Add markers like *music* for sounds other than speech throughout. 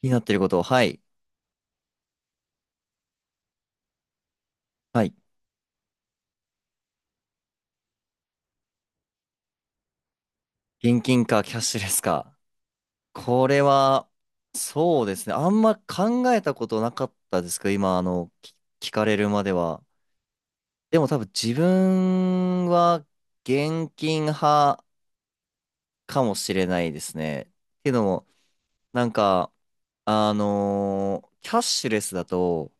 気になってること、はい。はい。現金かキャッシュレスか。これは、そうですね。あんま考えたことなかったですけど、今、聞かれるまでは。でも多分自分は現金派かもしれないですね。けども、なんか、キャッシュレスだと、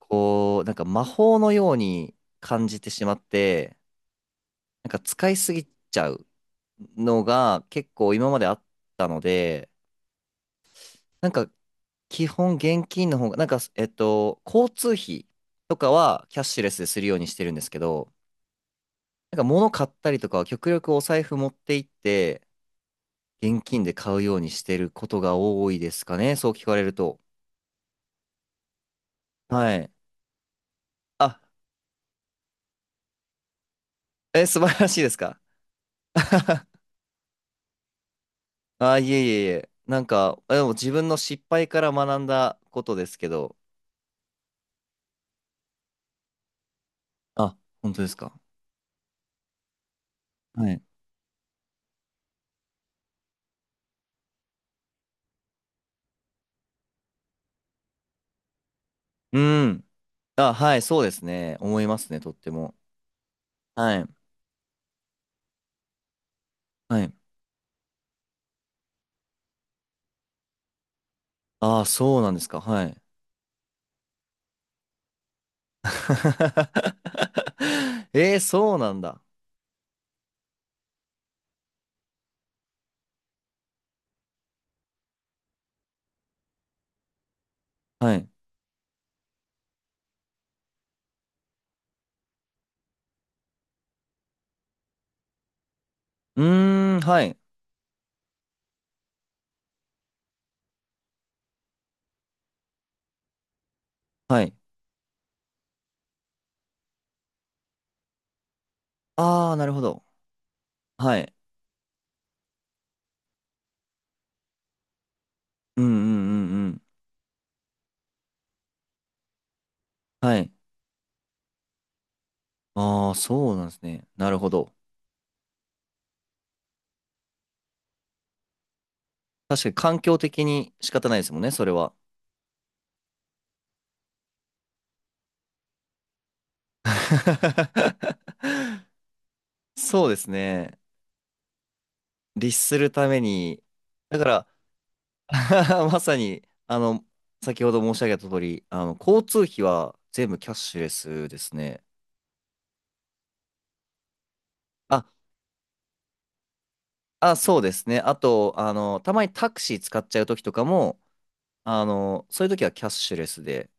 こう、なんか魔法のように感じてしまって、なんか使いすぎちゃう。のが結構今まであったので、なんか基本現金の方が、なんか、交通費とかはキャッシュレスでするようにしてるんですけど、なんか物買ったりとかは極力お財布持って行って現金で買うようにしてることが多いですかね、そう聞かれると。はい。あ、え、素晴らしいですか？あいえいえいえ。なんか、でも自分の失敗から学んだことですけど。あ、本当ですか？はい。うん。あ、はい、そうですね。思いますね、とっても。はい。はい。ああ、そうなんですか。はい。*laughs* えー、そうなんだ。はい。うーん、はい。はい。ああ、なるほど。はい。うんうんうんうん。はい。ああ、そうなんですね。なるほど。確かに環境的に仕方ないですもんね、それは。*laughs* そうですね。律するために。だから、*laughs* まさに、あの、先ほど申し上げた通り、あの、交通費は全部キャッシュレスですね。あ、あ、そうですね。あと、あの、たまにタクシー使っちゃう時とかも、あの、そういう時はキャッシュレスで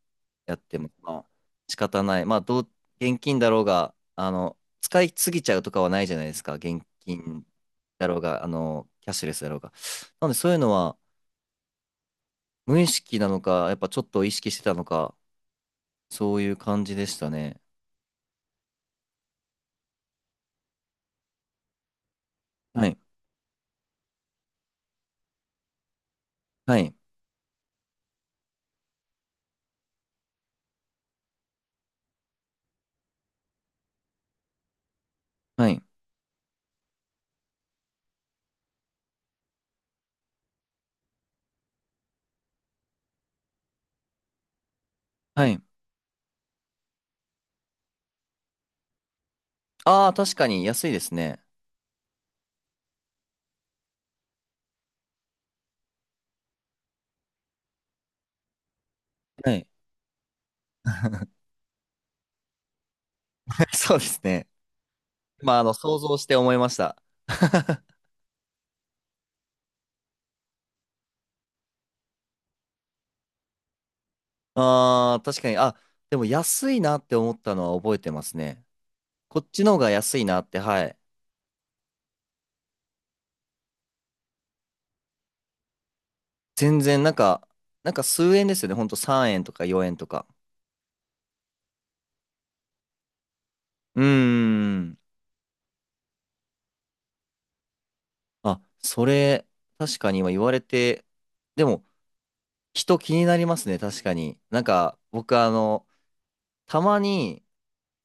やっても、まあ、仕方ない。まあ、どう、現金だろうが、あの、使いすぎちゃうとかはないじゃないですか。現金だろうが、あの、キャッシュレスだろうが。なので、そういうのは、無意識なのか、やっぱちょっと意識してたのか、そういう感じでしたね。はいはい。はい。はい。ああ、確かに安いですね。はい。*laughs* そうですね。まあ、あの、想像して思いました。*laughs* ああ、確かに。あ、でも安いなって思ったのは覚えてますね。こっちの方が安いなって、はい。全然、なんか数円ですよね。ほんと3円とか4円とか。うーん。あ、それ、確かに今言われて、でも、人気になりますね。確かに。なんか、僕、あの、たまに、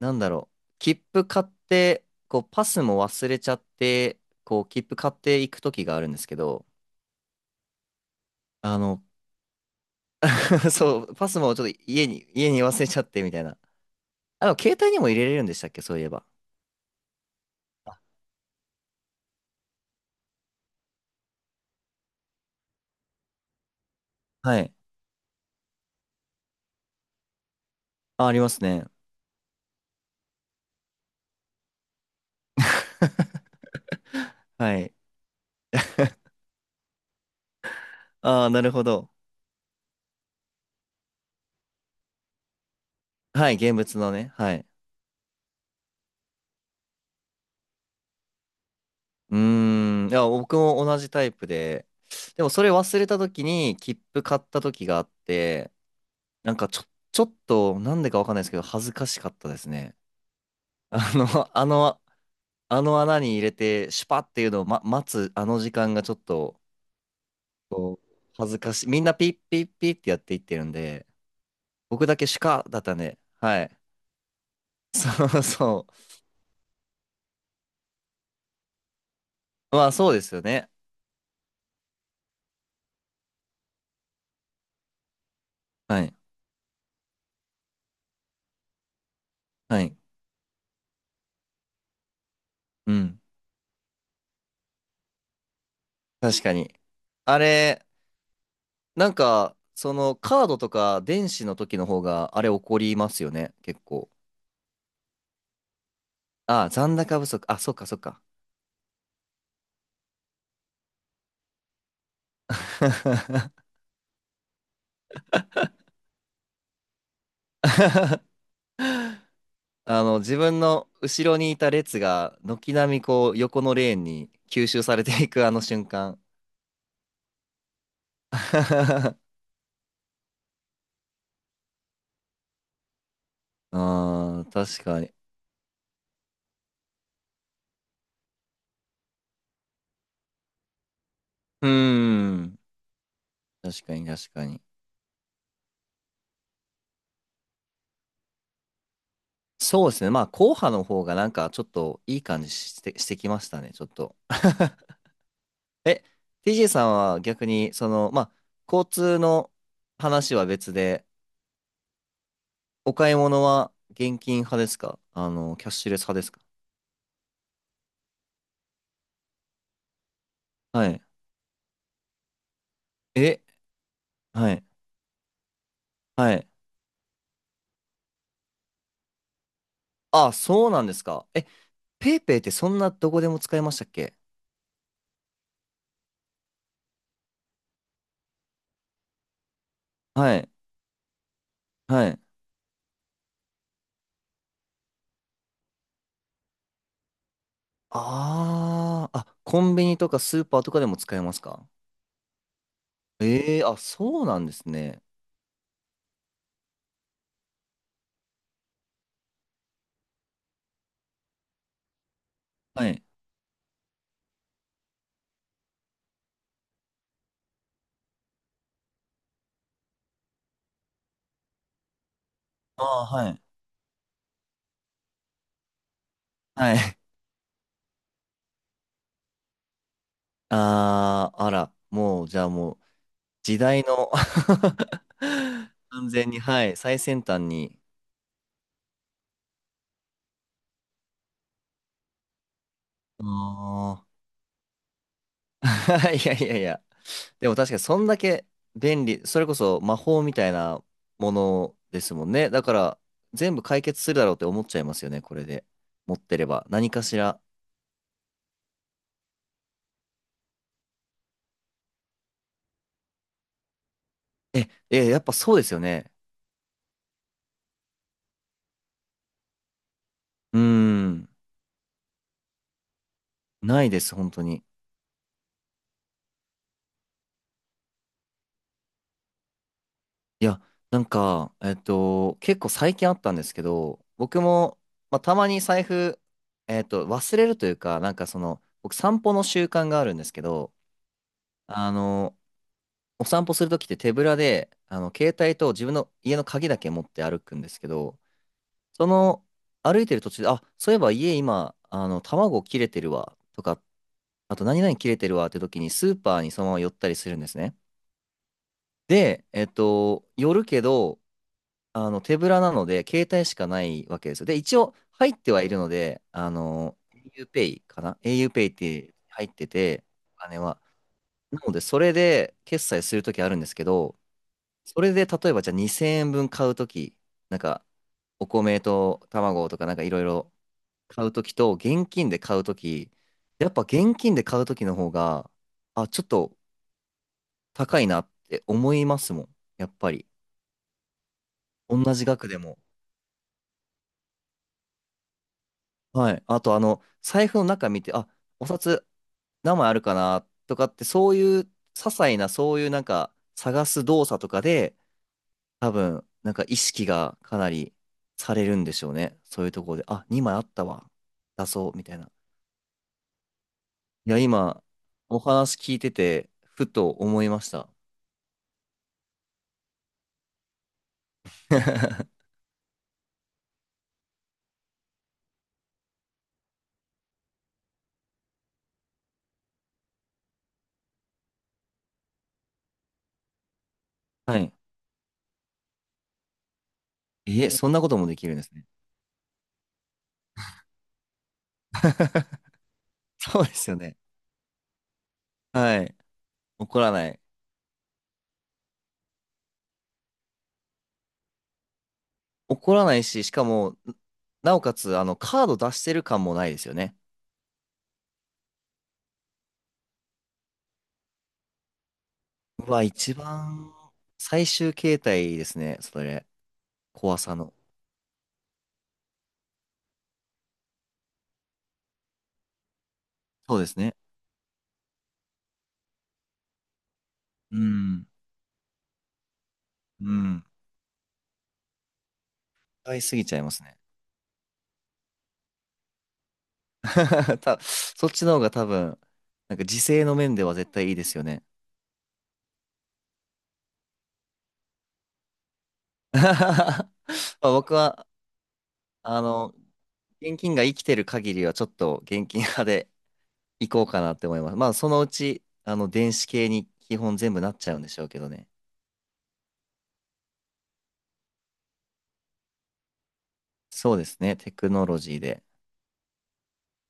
なんだろう、切符買って、こう、パスも忘れちゃって、こう、切符買っていく時があるんですけど、あの、*laughs* そう、パスもちょっと家に忘れちゃってみたいな。あの、でも携帯にも入れれるんでしたっけ、そういえば。あはい。あ、ありますね。*laughs* はい。ああ、なるほど。はい、現物のね。はい。うーん。いや、僕も同じタイプで、でもそれ忘れた時に切符買った時があって、なんかちょ、ちょっと、なんでかわかんないですけど、恥ずかしかったですね。*laughs* あの、あの、あの穴に入れて、シュパっていうのを、待つ、あの時間がちょっと、こう、恥ずかしい。みんなピッピッピッってやっていってるんで、僕だけシュカだったね。はい。*laughs* そうそう。まあ、そうですよね。はい。はい。うん。確かに。あれ、なんか、その、カードとか電子の時の方が、あれ起こりますよね。結構。ああ、残高不足。あ、そっかそっか。*laughs* あの、自分の後ろにいた列が、軒並みこう、横のレーンに吸収されていくあの瞬間。*laughs* ああ、確かに。うーん。確かに、確かに。そうですね。まあ、後派の方がなんか、ちょっといい感じして、してきましたね、ちょっと。*laughs* え、TJ さんは逆に、その、まあ、交通の話は別で、お買い物は現金派ですか？あの、キャッシュレス派ですか？はい。え、はい。はい、あ、そうなんですか。え、ペイペイってそんなどこでも使えましたっけ？はい。はい。ああ、あ、コンビニとかスーパーとかでも使えますか？ええー、あ、そうなんですね。はい。ああ、はい。はい。*laughs* ああ、あら、もう、じゃあもう、時代の *laughs* 完全に、はい、最先端に。ああ。*laughs* いやいやいや。でも確かにそんだけ便利、それこそ魔法みたいなものですもんね。だから全部解決するだろうって思っちゃいますよね、これで。持ってれば。何かしら。え、え、やっぱそうですよね。うーん。ないです、本当に。いや、なんか、結構最近あったんですけど、僕も、まあ、たまに財布、忘れるというか、なんかその、僕散歩の習慣があるんですけど、あの、お散歩するときって手ぶらで、あの、携帯と自分の家の鍵だけ持って歩くんですけど、その、歩いてる途中で、あ、そういえば家今、あの、卵切れてるわ、とか、あと何々切れてるわって時にスーパーにそのまま寄ったりするんですね。で、寄るけど、あの、手ぶらなので、携帯しかないわけですよ。で、一応、入ってはいるので、あの、auPay かな？ auPay って入ってて、お金は。なので、それで決済するときあるんですけど、それで例えばじゃあ2000円分買うとき、なんかお米と卵とかなんかいろいろ買うときと現金で買うとき、やっぱ現金で買うときの方が、あ、ちょっと高いなって思いますもん。やっぱり。同じ額でも。はい。あとあの、財布の中見て、あ、お札何枚あるかなとかって、そういう些細なそういうなんか探す動作とかで、多分、なんか意識がかなりされるんでしょうね。そういうところで、あ、2枚あったわ。出そう、みたいな。いや、今、お話聞いてて、ふと思いました。*laughs* はい。え、そんなこともできるんですね。そうですよね。はい。怒らない。怒らないし、しかも、なおかつ、あの、カード出してる感もないですよね。うわ、一番最終形態ですね。それ。怖さの。そうですね。うん。うん。使いすぎちゃいますね。*laughs* そっちの方が多分、なんか時勢の面では絶対いいですよね。*laughs* まあ僕は、あの、現金が生きてる限りはちょっと現金派で行こうかなって思います。まあそのうち、あの、電子系に基本全部なっちゃうんでしょうけどね。そうですね、テクノロジーで。